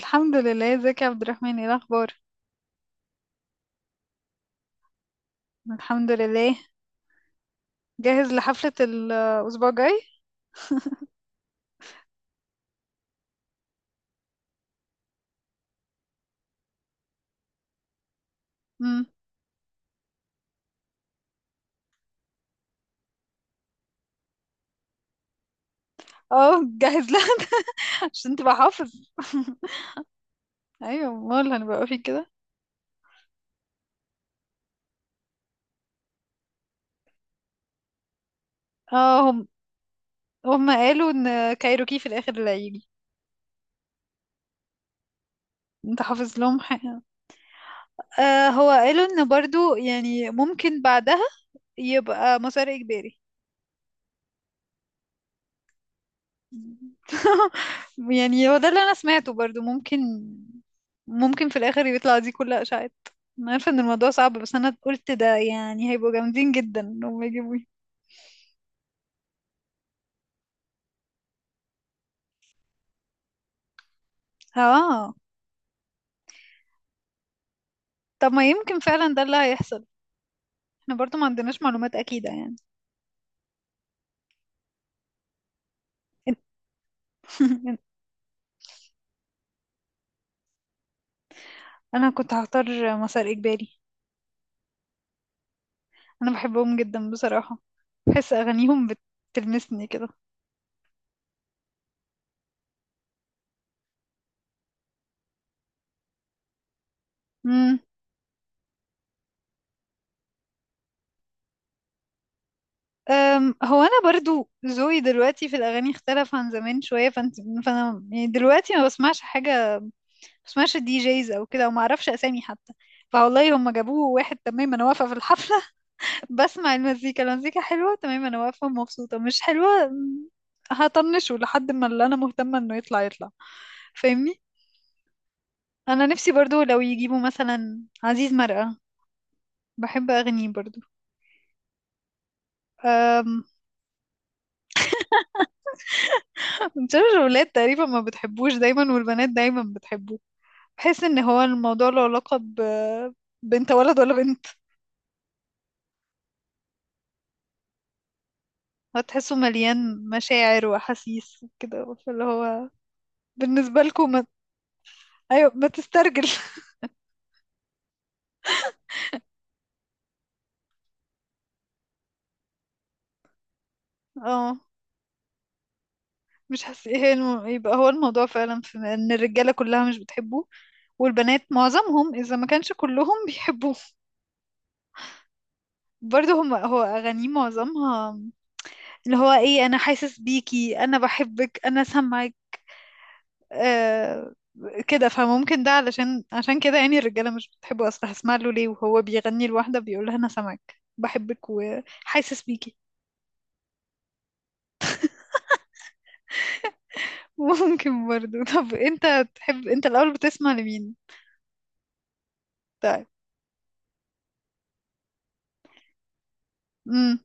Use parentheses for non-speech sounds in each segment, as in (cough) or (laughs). الحمد لله. ازيك يا عبد الرحمن؟ ايه الاخبار؟ الحمد لله. جاهز لحفلة الاسبوع الجاي. امم اه جاهز لها. (laughs) عشان تبقى حافظ. (laughs) ايوه، امال هنبقى في كده. اه. هم قالوا ان كايروكي في الاخر اللي هيجي. انت حافظ لهم حاجة؟ آه، هو قالوا ان برضو يعني ممكن بعدها يبقى مسار اجباري. (laughs) يعني هو ده اللي انا سمعته، برضو ممكن، في الاخر يطلع دي كل اشاعات. انا عارفه ان الموضوع صعب، بس انا قلت ده يعني هيبقوا جامدين جدا انهم يجيبوا. اه، طب ما يمكن فعلا ده اللي هيحصل. احنا برضو ما عندناش معلومات اكيده يعني. (laughs) انا كنت هختار مسار اجباري. انا بحبهم جدا بصراحه. بحس اغانيهم بتلمسني كده. هو انا برضو ذوقي دلوقتي في الاغاني اختلف عن زمان شويه، فانت فانا يعني دلوقتي ما بسمعش حاجه، ما بسمعش الدي جيز او كده، وما اعرفش اسامي حتى. فوالله هم جابوه واحد تمام، انا واقفه في الحفله (laughs) بسمع المزيكا، المزيكا حلوه تمام، انا واقفه مبسوطه. مش حلوه هطنشه لحد ما اللي انا مهتمه انه يطلع يطلع. فاهمني؟ انا نفسي برضو لو يجيبوا مثلا عزيز مرقه، بحب اغنيه برضو. أم، (laughs) مش عارفة، الولاد تقريبا ما بتحبوش دايما، والبنات دايما بتحبه. بحس ان هو الموضوع له علاقة بنت، ولد ولا بنت. هتحسه مليان مشاعر واحاسيس وكده، فاللي هو بالنسبة لكم ما... ايوه، ما تسترجل. (laughs) اه، مش حاسس ايه يبقى هو الموضوع فعلا في ان الرجالة كلها مش بتحبه، والبنات معظمهم اذا ما كانش كلهم (laughs) بيحبوه. برضه هم هو اغانيه معظمها اللي هو ايه؟ انا حاسس بيكي، انا بحبك، انا سامعك. آه، كده فممكن ده عشان كده يعني الرجالة مش بتحبه أصلا. هسمع له ليه وهو بيغني لواحدة بيقول لها أنا سامعك، بحبك، وحاسس بيكي. (laughs) ممكن برضو. طب أنت تحب، أنت الأول بتسمع لمين؟ طيب. امم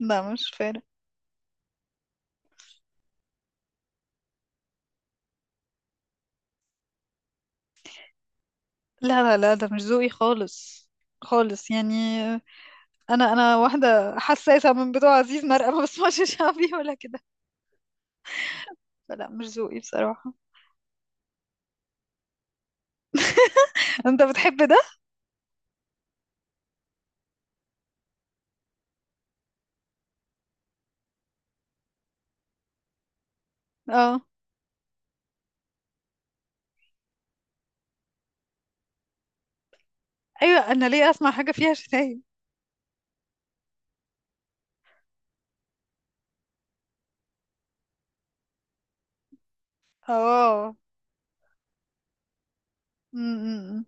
لا، مش فارق. لا لا لا، ده مش ذوقي خالص، خالص يعني. أنا واحدة حساسة، من بتوع عزيز مرقة. ما بسمعش (laughs) شعبي ولا كده. فلا، مش ذوقي بصراحة. أنت بتحب ده؟ اه. أيوة، أنا ليه أسمع حاجة فيها شتايم؟ اه. امم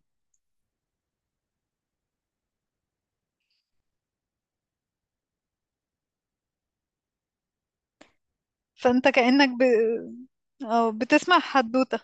فانت كأنك أو بتسمع حدوتة،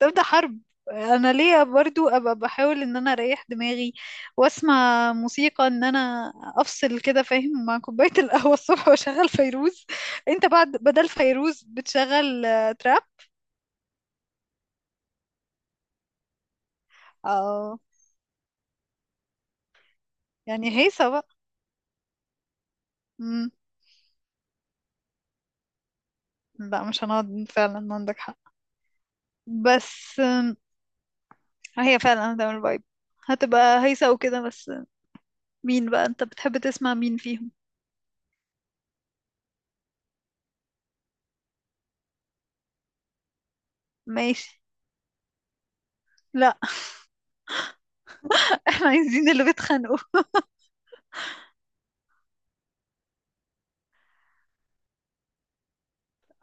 تبدأ حرب. انا ليه برضو ابقى بحاول ان انا اريح دماغي واسمع موسيقى، ان انا افصل كده فاهم، مع كوباية (laughs) القهوة الصبح واشغل فيروز. انت بعد بدل فيروز بتشغل تراب. اه، يعني هيصة بقى. امم لا، مش هنقعد فعلا، عندك حق. بس هي فعلا هتعمل فايب، هتبقى هيصة وكده بس. مين بقى، انت بتحب تسمع مين فيهم؟ ماشي. لا. (laughs) احنا عايزين اللي بيتخانقوا.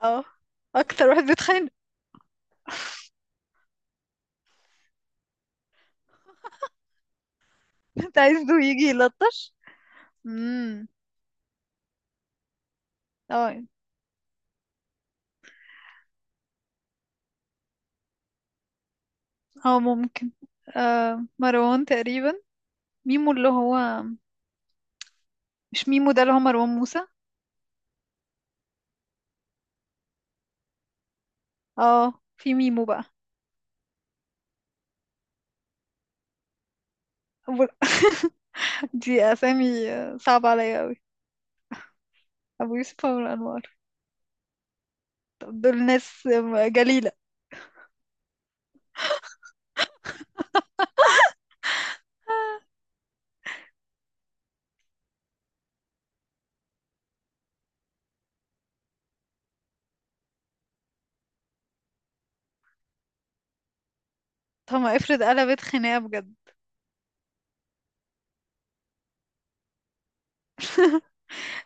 اه، اكتر واحد بيتخانق. انت عايزه يجي يلطش. امم اه اه، ممكن. آه، مروان تقريبا. ميمو اللي هو، مش ميمو ده اللي هو مروان موسى. اه، في ميمو بقى. أبو... (laughs) دي اسامي صعبة عليا قوي. ابو يوسف، عمرو انور. طب دول ناس جليلة. طب ما افرض قلبت خناقة بجد؟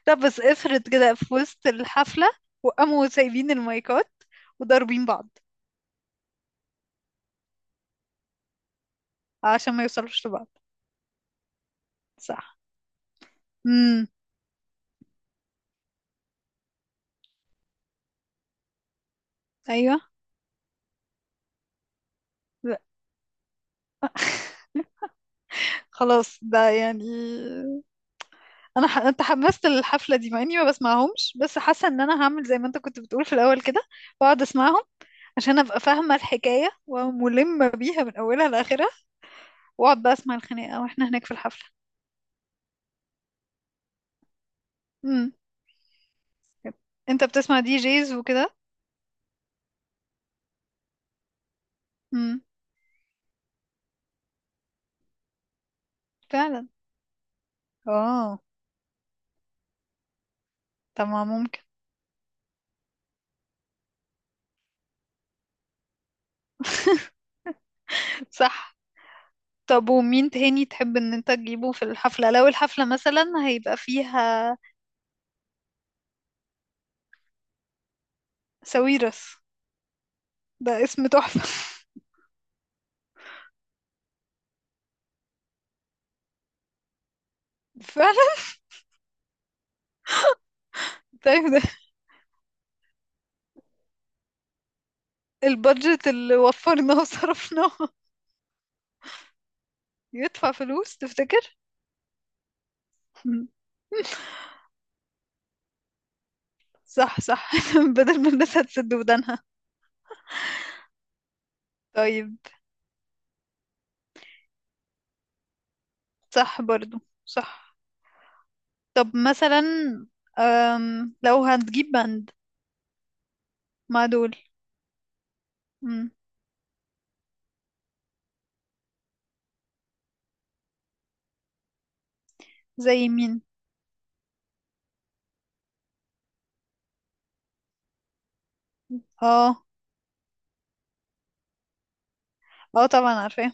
طب بس افرض كده في وسط الحفلة، وقاموا سايبين المايكات وضاربين بعض. عشان ما يوصلوش لبعض. صح. امم ايوه. لا، خلاص، ده يعني انا انت حمست الحفله دي، مع اني ما بسمعهمش، بس حاسه ان انا هعمل زي ما انت كنت بتقول في الاول كده. واقعد اسمعهم عشان ابقى فاهمه الحكايه وملمه بيها من اولها لاخرها، واقعد بقى اسمع الخناقه واحنا هناك في الحفله. امم انت بتسمع دي جيز وكده. امم فعلا. اه. طب ما ممكن. صح. طب ومين تاني تحب ان انت تجيبه في الحفله لو الحفله مثلا هيبقى فيها؟ ساويرس، ده اسم تحفه. فعلا. طيب، ده البادجت اللي وفرناه وصرفناه. يدفع فلوس؟ تفتكر؟ (laughs) صح، صح. (laughs) بدل ما الناس هتسد ودانها. طيب. صح برضو. صح. طب مثلا، أم، لو هتجيب باند مع دول. مم، زي مين؟ اه. اه، طبعا عارفاه.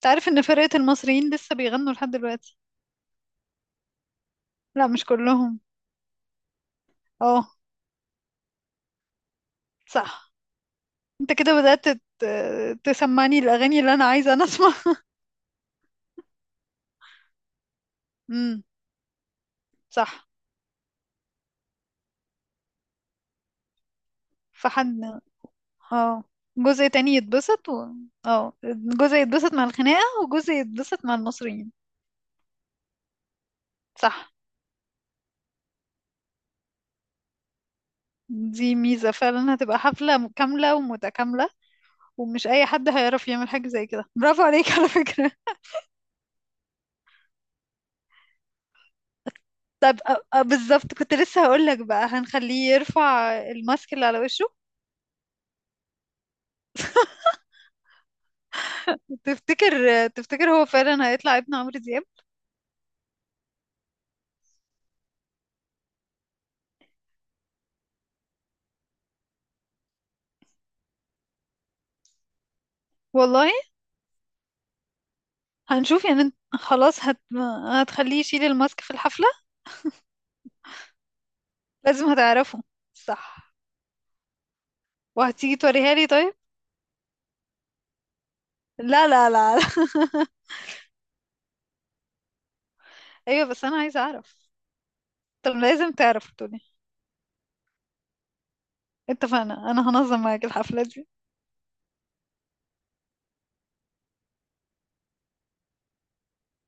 تعرف ان فرقة المصريين لسه بيغنوا لحد دلوقتي؟ لا مش كلهم. اه. صح. انت كده بدأت تسمعني الاغاني اللي انا عايزة اسمعها. امم صح. فحد. اه، جزء تاني يتبسط اه، جزء يتبسط مع الخناقة، وجزء يتبسط مع المصريين. صح. دي ميزة، فعلا هتبقى حفلة كاملة ومتكاملة. ومش أي حد هيعرف يعمل حاجة زي كده، برافو عليك على فكرة. (laughs) بالظبط، كنت لسه هقولك بقى هنخليه يرفع الماسك اللي على وشه. تفتكر هو فعلا هيطلع ابن عمرو دياب؟ والله. هنشوف يعني. خلاص هتخليه يشيل الماسك في الحفلة؟ لازم هتعرفه. صح. وهتيجي توريها لي طيب؟ لا لا لا لا، (laughs) ايوه، بس انا عايزه اعرف. طب لازم تعرف تقولي، اتفقنا انا هنظم معاك الحفله دي.